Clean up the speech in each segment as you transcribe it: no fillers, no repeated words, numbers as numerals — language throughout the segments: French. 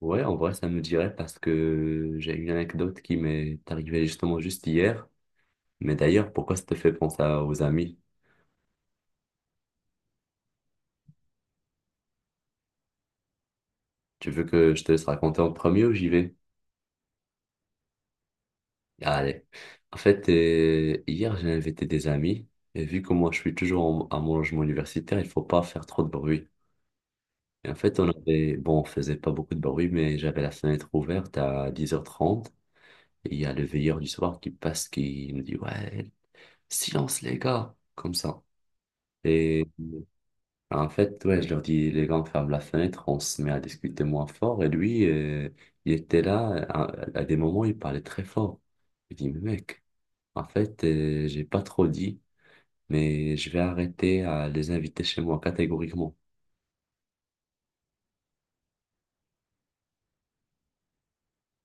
Ouais, en vrai, ça me dirait parce que j'ai une anecdote qui m'est arrivée justement juste hier. Mais d'ailleurs, pourquoi ça te fait penser aux amis? Tu veux que je te laisse raconter en premier ou j'y vais? Allez. En fait, hier, j'ai invité des amis. Et vu que moi, je suis toujours à mon logement universitaire, il faut pas faire trop de bruit. Et en fait, on avait, bon, on faisait pas beaucoup de bruit, mais j'avais la fenêtre ouverte à 10h30. Et il y a le veilleur du soir qui passe, qui nous dit, ouais, silence les gars, comme ça. Et en fait, ouais, je leur dis, les gars, on ferme la fenêtre, on se met à discuter moins fort. Et lui, il était là, à des moments, il parlait très fort. Je dis, mais mec, en fait, j'ai pas trop dit, mais je vais arrêter à les inviter chez moi catégoriquement.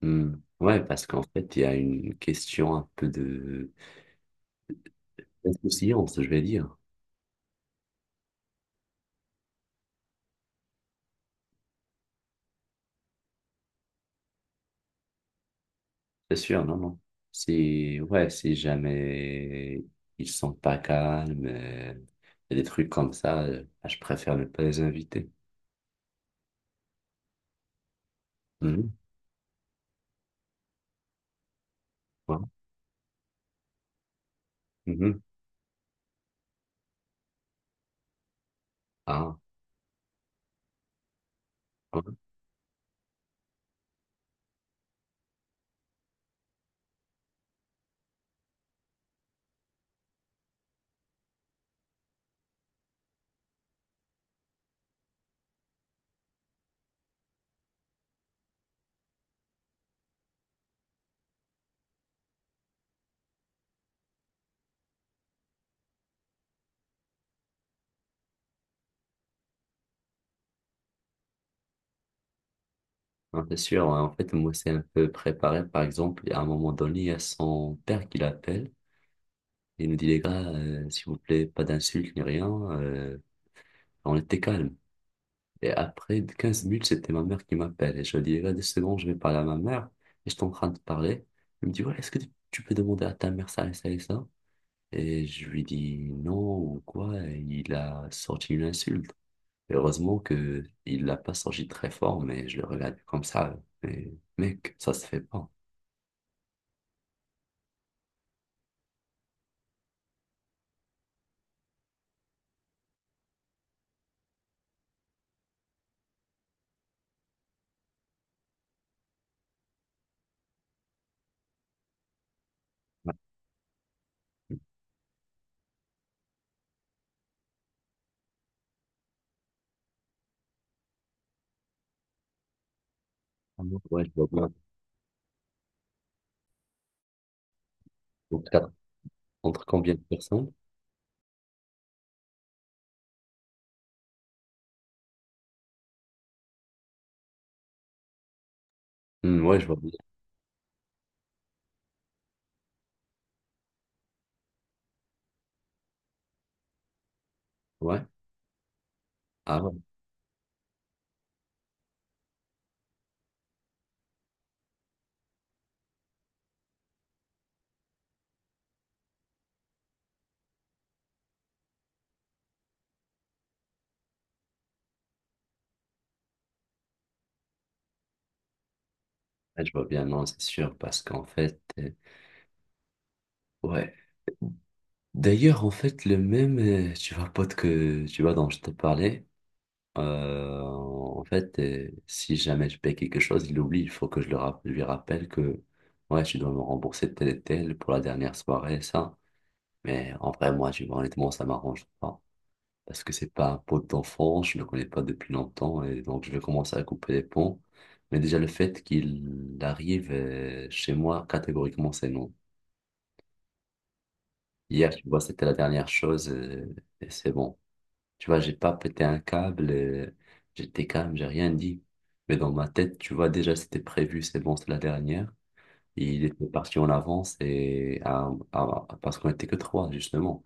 Hmm. Ouais, parce qu'en fait, il y a une question un peu de d'insouciance, je vais dire. C'est sûr, non, non. Si, ouais, si jamais ils sont pas calmes, il y a des trucs comme ça, je préfère ne pas les inviter. Mhm, ouais, mhm. Ah, ouais, ouais, c'est sûr. Ouais. En fait, moi, c'est un peu préparé. Par exemple, à un moment donné, il y a son père qui l'appelle. Il nous dit, les gars, s'il vous plaît, pas d'insultes ni rien. On était calme. Et après de 15 minutes, c'était ma mère qui m'appelle. Et je lui dis, les gars, 2 secondes, je vais parler à ma mère. Et j'étais en train de parler. Elle me dit, ouais, est-ce que tu peux demander à ta mère ça et ça et ça? Et je lui dis, non, ou quoi? Et il a sorti une insulte. Heureusement que il l'a pas sorti très fort, mais je le regarde comme ça. Mais mec, ça se fait pas. Ouais, ah non, ouais, je vois bien. Donc, entre combien de personnes? Hmm, ouais, je vois bien. Ouais. Ah ouais. Ouais, je vois bien. Non, c'est sûr, parce qu'en fait, ouais. D'ailleurs, en fait, le même, tu vois, pote, que tu vois, dont je te parlais, en fait, si jamais je paye quelque chose, il oublie. Il faut que je lui rappelle que, ouais, tu dois me rembourser tel et tel pour la dernière soirée, ça. Mais en vrai, moi, tu vois, honnêtement, ça m'arrange pas. Parce que c'est pas un pote d'enfance, je le connais pas depuis longtemps, et donc je vais commencer à couper les ponts. Mais déjà, le fait qu'il arrive chez moi, catégoriquement, c'est non. Hier, tu vois, c'était la dernière chose, et c'est bon. Tu vois, j'ai pas pété un câble, j'étais calme, j'ai rien dit. Mais dans ma tête, tu vois, déjà, c'était prévu, c'est bon, c'est la dernière. Et il était parti en avance, et parce qu'on était que trois, justement.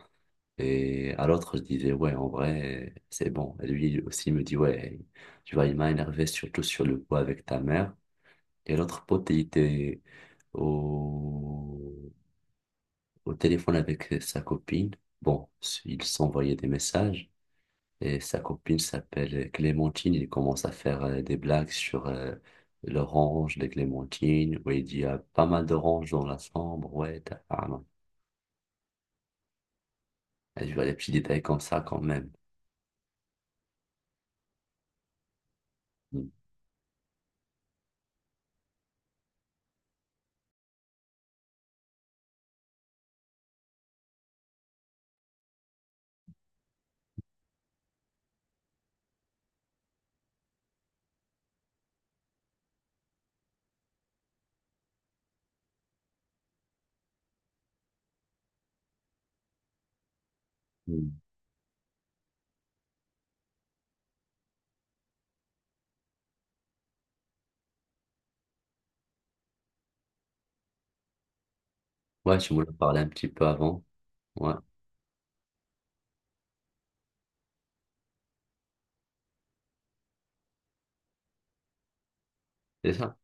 Et à l'autre, je disais, ouais, en vrai, c'est bon. Et lui aussi me dit, ouais, tu vois, il m'a énervé surtout sur le coup avec ta mère. Et l'autre pote, il était au, au téléphone avec sa copine. Bon, ils s'envoyaient des messages. Et sa copine s'appelle Clémentine. Il commence à faire des blagues sur l'orange de Clémentine, où il dit, il y a pas mal d'oranges dans la chambre. Ouais, t'as... Ah, non. Et je vois des petits détails comme ça quand même. Mm. Ouais, tu m'en as parlé un petit peu avant. Ouais, c'est ça.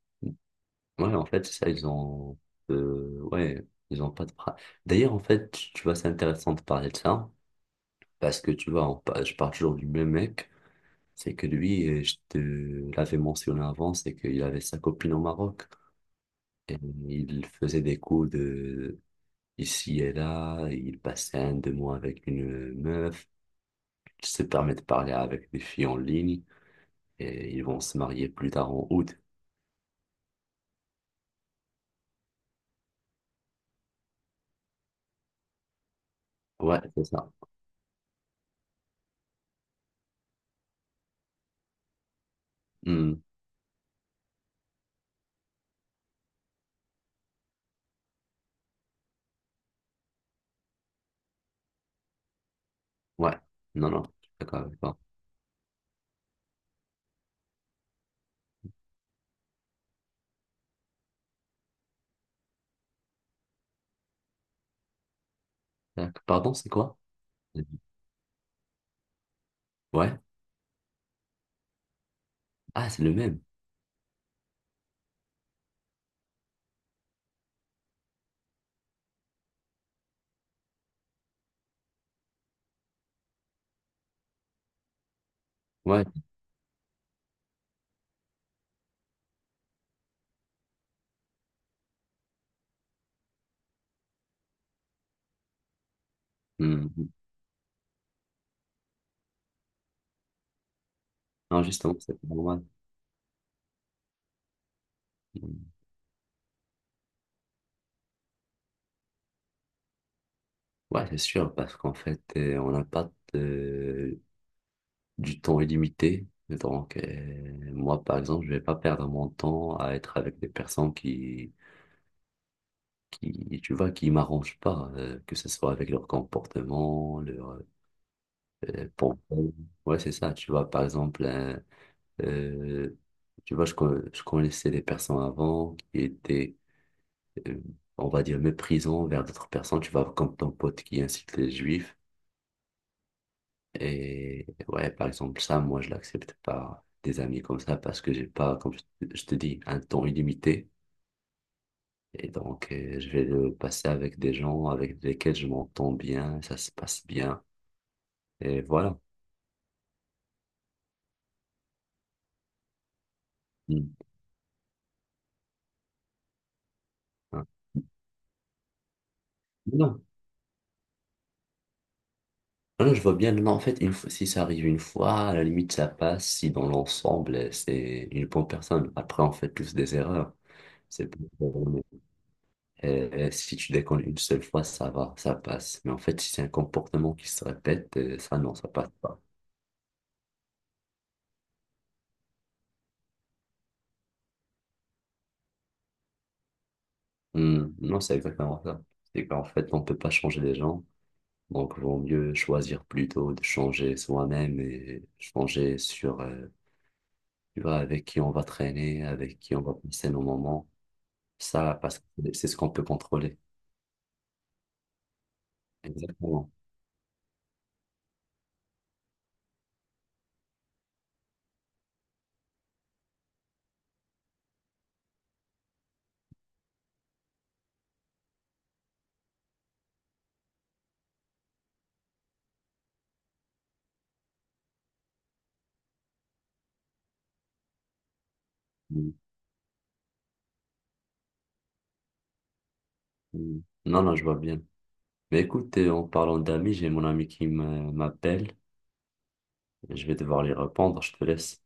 Ouais, en fait, c'est ça, ils ont... ouais, ils ont pas de... D'ailleurs, en fait, tu vois, c'est intéressant de parler de ça, parce que tu vois, je parle toujours du même mec, c'est que lui, je te l'avais mentionné avant, c'est qu'il avait sa copine au Maroc, et il faisait des coups de ici et là, il passait 1, 2 mois avec une meuf, il se permet de parler avec des filles en ligne, et ils vont se marier plus tard en août. Ouais, c'est ça. Hmm, ouais. Non, non, je suis d'accord avec toi. Tac, pardon, c'est quoi? Mmh. Ouais. Ah, c'est le même. Ouais. Hmm. Non, justement, c'est pas normal. Hmm. Ouais, c'est sûr, parce qu'en fait, on n'a pas du temps illimité. Donc, moi, par exemple, je vais pas perdre mon temps à être avec des personnes qui, tu vois, qui m'arrangent pas, que ce soit avec leur comportement, leur pensée. Ouais, c'est ça. Tu vois, par exemple, Euh, tu vois, je connaissais des personnes avant qui étaient, euh, on va dire, méprisants vers d'autres personnes. Tu vois, comme ton pote qui incite les juifs. Et ouais, par exemple, ça, moi, je l'accepte pas des amis comme ça parce que j'ai pas, comme je te dis, un temps illimité. Et donc, je vais le passer avec des gens avec lesquels je m'entends bien, ça se passe bien. Et voilà. Mm. Hein. Non, non, je vois bien. Non, non, en fait, une fois, si ça arrive une fois, à la limite, ça passe. Si dans l'ensemble, c'est une bonne personne. Après, on fait tous des erreurs. C'est pas grave. Si tu déconnes une seule fois, ça va, ça passe. Mais en fait, si c'est un comportement qui se répète, ça, non, ça passe pas. Hmm, non, c'est exactement ça. C'est qu'en fait, on peut pas changer les gens. Donc, vaut mieux choisir plutôt de changer soi-même et changer sur, tu vois, avec qui on va traîner, avec qui on va passer nos moments. Ça, parce que c'est ce qu'on peut contrôler. Exactement. Mm, mm. Non, non, je vois bien. Mais écoute, en parlant d'amis, j'ai mon ami qui m'appelle. Je vais devoir lui répondre. Je te laisse.